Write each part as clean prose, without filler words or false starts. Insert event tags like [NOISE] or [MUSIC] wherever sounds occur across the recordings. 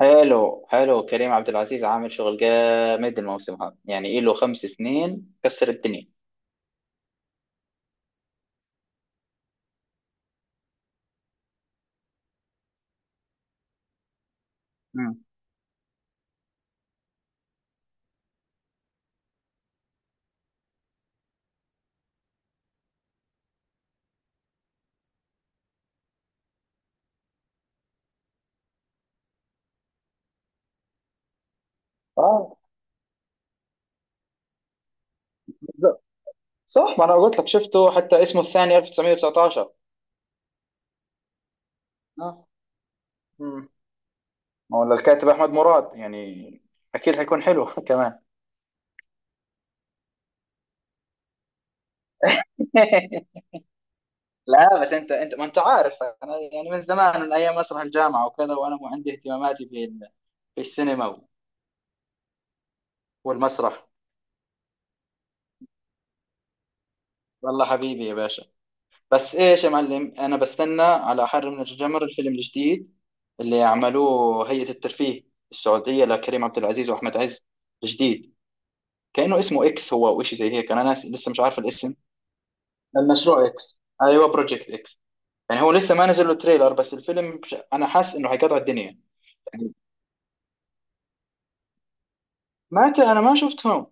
حلو حلو كريم عبد العزيز عامل شغل جامد. الموسم هذا يعني له 5 سنين كسر الدنيا. مم. اه، بالظبط. صح، ما انا قلت لك شفته، حتى اسمه الثاني 1919. اه. مم. ما هو الكاتب احمد مراد، يعني اكيد حيكون حلو [LAUGHS] كمان. [LAUGHS] لا بس انت ما انت عارف، انا يعني من زمان، من ايام مسرح الجامعه وكذا، وانا مو عندي اهتماماتي في في السينما والمسرح. والله حبيبي يا باشا. بس ايش يا معلم، انا بستنى على حر من الجمر الفيلم الجديد اللي عملوه هيئة الترفيه السعودية لكريم عبد العزيز واحمد عز الجديد. كأنه اسمه اكس هو او شيء زي هيك، انا ناس لسه مش عارف الاسم. المشروع اكس، ايوه، بروجكت اكس. يعني هو لسه ما نزل له تريلر، بس الفيلم انا حاسس انه حيقطع الدنيا. يعني ما ت- انا ما شفتهم.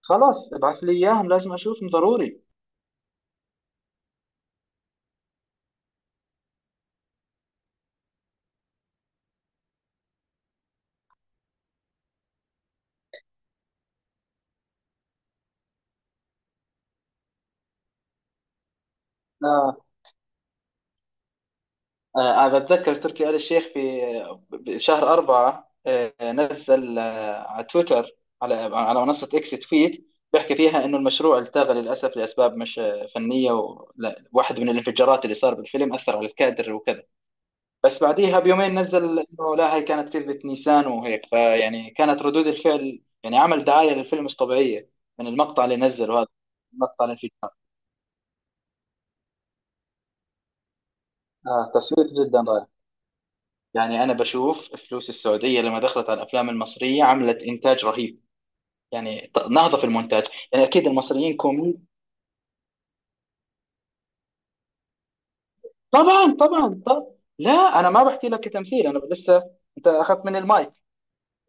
خلاص، ابعث لي اياهم، لازم اشوفهم ضروري. أنا بتذكر تركي آل الشيخ في بشهر 4، نزل على تويتر، على منصة إكس تويت، بيحكي فيها إنه المشروع التغى للأسف لأسباب مش فنية، ولا واحد من الانفجارات اللي صار بالفيلم أثر على الكادر وكذا. بس بعديها بيومين نزل إنه لا، هي كانت كذبة نيسان، وهيك فيعني كانت ردود الفعل يعني عمل دعاية للفيلم مش طبيعية. من المقطع اللي نزله هذا، مقطع الانفجار. تصوير جدا رائع. يعني أنا بشوف فلوس السعودية لما دخلت على الأفلام المصرية عملت إنتاج رهيب. يعني نهضة في المونتاج. يعني أكيد المصريين كومي. طبعا طبعا طبعا. لا، أنا ما بحكي لك كتمثيل، أنا لسه. أنت أخذت من المايك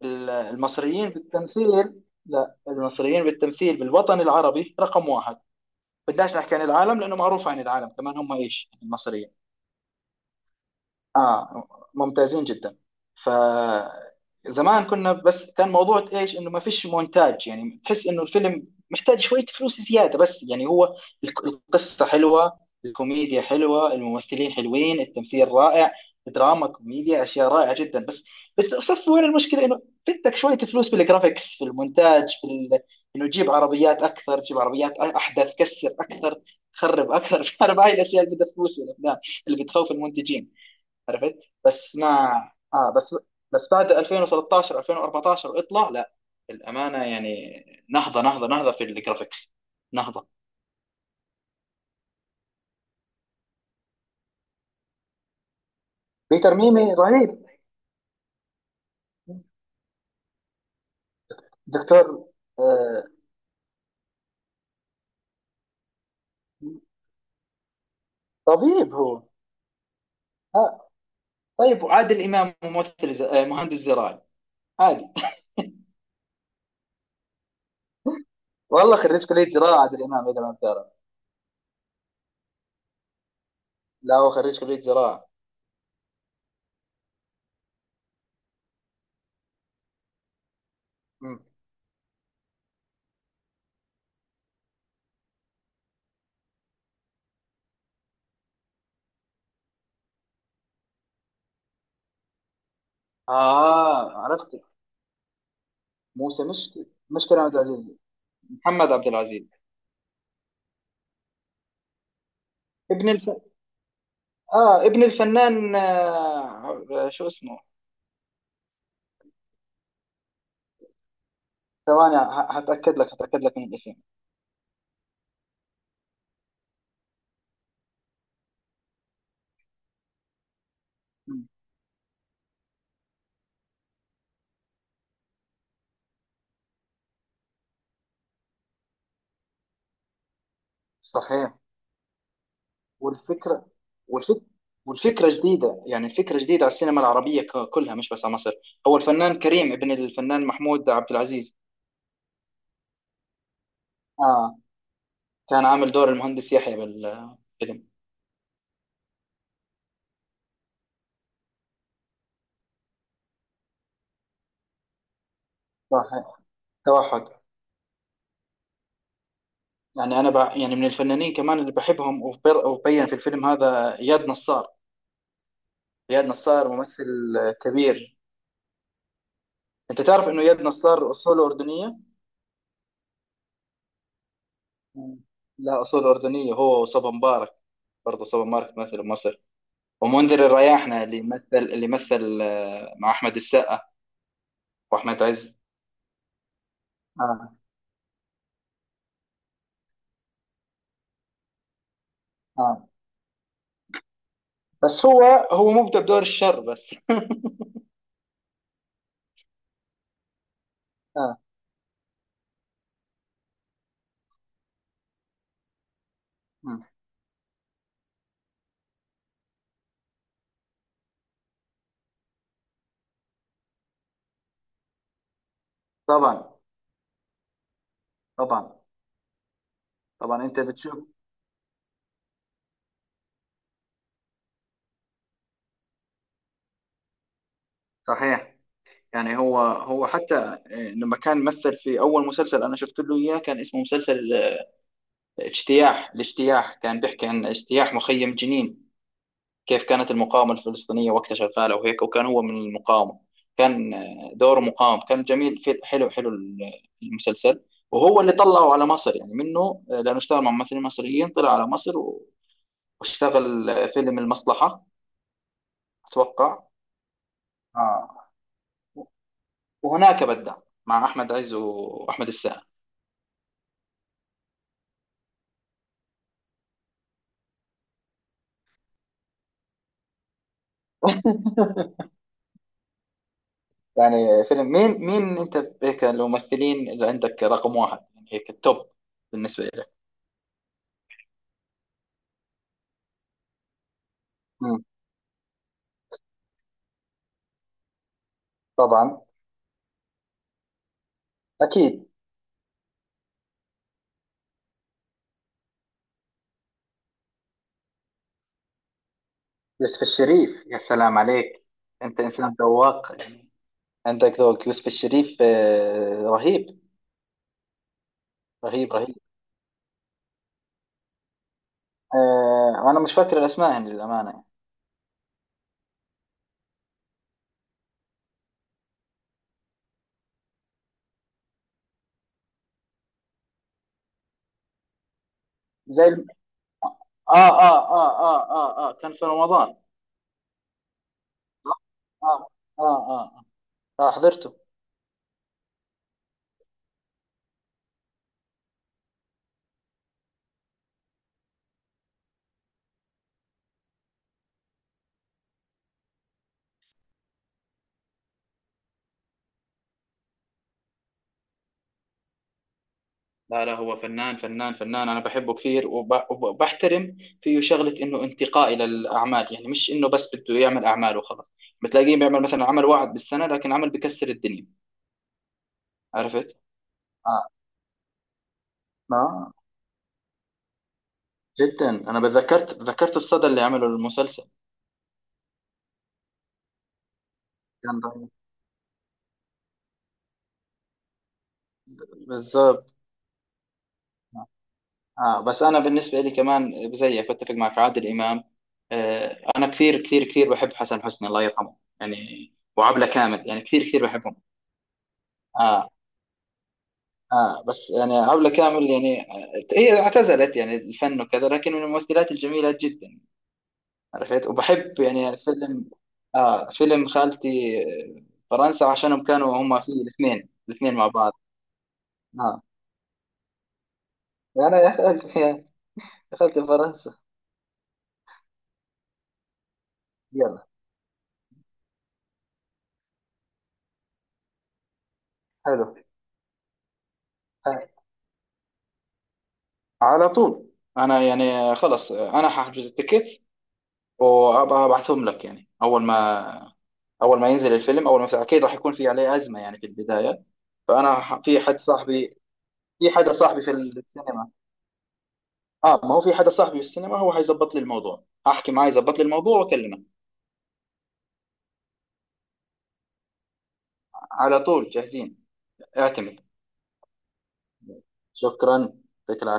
المصريين بالتمثيل. لا، المصريين بالتمثيل بالوطن العربي رقم واحد. بدناش نحكي عن العالم، لأنه معروف عن العالم كمان هم إيش المصريين. اه، ممتازين جدا. ف، زمان كنا بس كان موضوع ايش انه ما فيش مونتاج، يعني تحس انه الفيلم محتاج شوية فلوس زيادة، بس يعني هو القصة حلوة، الكوميديا حلوة، الممثلين حلوين، التمثيل رائع. دراما كوميديا اشياء رائعة جدا، بس بتصف وين المشكلة، انه بدك شوية فلوس في الجرافيكس، في المونتاج، في ال... انه جيب عربيات اكثر، جيب عربيات احدث، كسر اكثر، خرب اكثر [LAUGHS] فاهم هاي الاشياء اللي بدها فلوس في الافلام اللي بتخوف المنتجين، عرفت. بس مع، اه، بس، بس بعد 2013 2014 اطلع لا، الامانه يعني، نهضه نهضه نهضه في الجرافيكس، نهضه، في ترميمي رهيب. دكتور. آه طبيب هو. آه طيب، وعادل امام ممثل ز... مهندس زراعي عادي. [LAUGHS] والله خريج كليه زراعه عادل امام اذا ما بتعرف. لا هو خريج كليه زراعه. مم. اه، عرفت. موسى، مشكلة عبد العزيز، محمد عبد العزيز. ابن الف... اه، ابن الفنان، شو اسمه. ثواني، هتأكد لك من الاسم. مم. صحيح. والفكرة، والفك والفكرة جديدة، يعني الفكرة جديدة على السينما العربية كلها مش بس على مصر. هو الفنان كريم ابن الفنان محمود عبد العزيز. اه. كان عامل دور المهندس يحيى بالفيلم. صحيح. توحد. يعني انا ب... يعني من الفنانين كمان اللي بحبهم وبر... وبين في الفيلم هذا اياد نصار. اياد نصار ممثل كبير. انت تعرف انه اياد نصار اصوله اردنية. مم. لا، أصول أردنية، هو وصبا مبارك. برضه صبا مبارك مثل مصر. ومنذر الرياحنة اللي مثل مع أحمد السقا وأحمد عز. آه. آه، بس هو مبدع بدور الشر بس. آه. مم. طبعا طبعا طبعا. أنت بتشوف. صحيح. يعني هو حتى لما كان مثل في أول مسلسل أنا شفت له إياه كان اسمه مسلسل الاجتياح كان بيحكي عن اجتياح مخيم جنين. كيف كانت المقاومة الفلسطينية وقتها شغالة وهيك، وكان هو من المقاومة. كان دوره مقاوم، كان جميل، في حلو حلو المسلسل. وهو اللي طلعه على مصر يعني منه، لأنه اشتغل مع ممثلين مصريين طلع على مصر واشتغل فيلم المصلحة أتوقع. آه. وهناك بدأ مع أحمد عز وأحمد السقا. [LAUGHS] يعني فيلم مين أنت، هيك الممثلين اللي عندك رقم واحد، يعني هيك التوب بالنسبة لك. مم. طبعا. أكيد. يوسف الشريف، يا سلام عليك. انت انسان ذواق يعني. عندك ذوق، يوسف الشريف رهيب، رهيب رهيب. وانا مش فاكر الاسماء يعني للامانه. زي الم... كان في رمضان. اه اه اه, آه حضرته. لا لا، هو فنان فنان فنان، انا بحبه كثير، وبحترم فيه شغله انه انتقائي للاعمال، يعني مش انه بس بده يعمل اعمال وخلاص. بتلاقيه بيعمل مثلا عمل واحد بالسنه، لكن عمل بكسر الدنيا. عرفت؟ اه، جدا، انا ذكرت الصدى اللي عمله المسلسل، كان رهيب. بالظبط. بس انا بالنسبه لي كمان زيك بتفق معك عادل امام. انا كثير كثير كثير بحب حسن حسني الله يرحمه يعني، وعبله كامل يعني كثير كثير بحبهم. اه. اه، بس يعني عبله كامل يعني هي اعتزلت يعني الفن وكذا، لكن من الممثلات الجميله جدا. عرفت، وبحب يعني فيلم. اه، فيلم خالتي آه، فرنسا، عشانهم كانوا هم فيه الاثنين مع بعض. آه. انا يا اخي دخلت فرنسا. يلا. حلو. ها،. على طول. انا يعني خلص، انا هحجز التيكت وابقى ابعتهم لك، يعني اول ما، اول ما ينزل الفيلم، اول ما، اكيد راح يكون في عليه ازمه يعني في البدايه. في حد صاحبي، في حدا صاحبي في السينما. اه، ما هو في حدا صاحبي في السينما، هو حيظبط لي الموضوع، احكي معاه يظبط لي الموضوع واكلمك. على طول جاهزين. اعتمد. شكرا. يعطيك العافيه.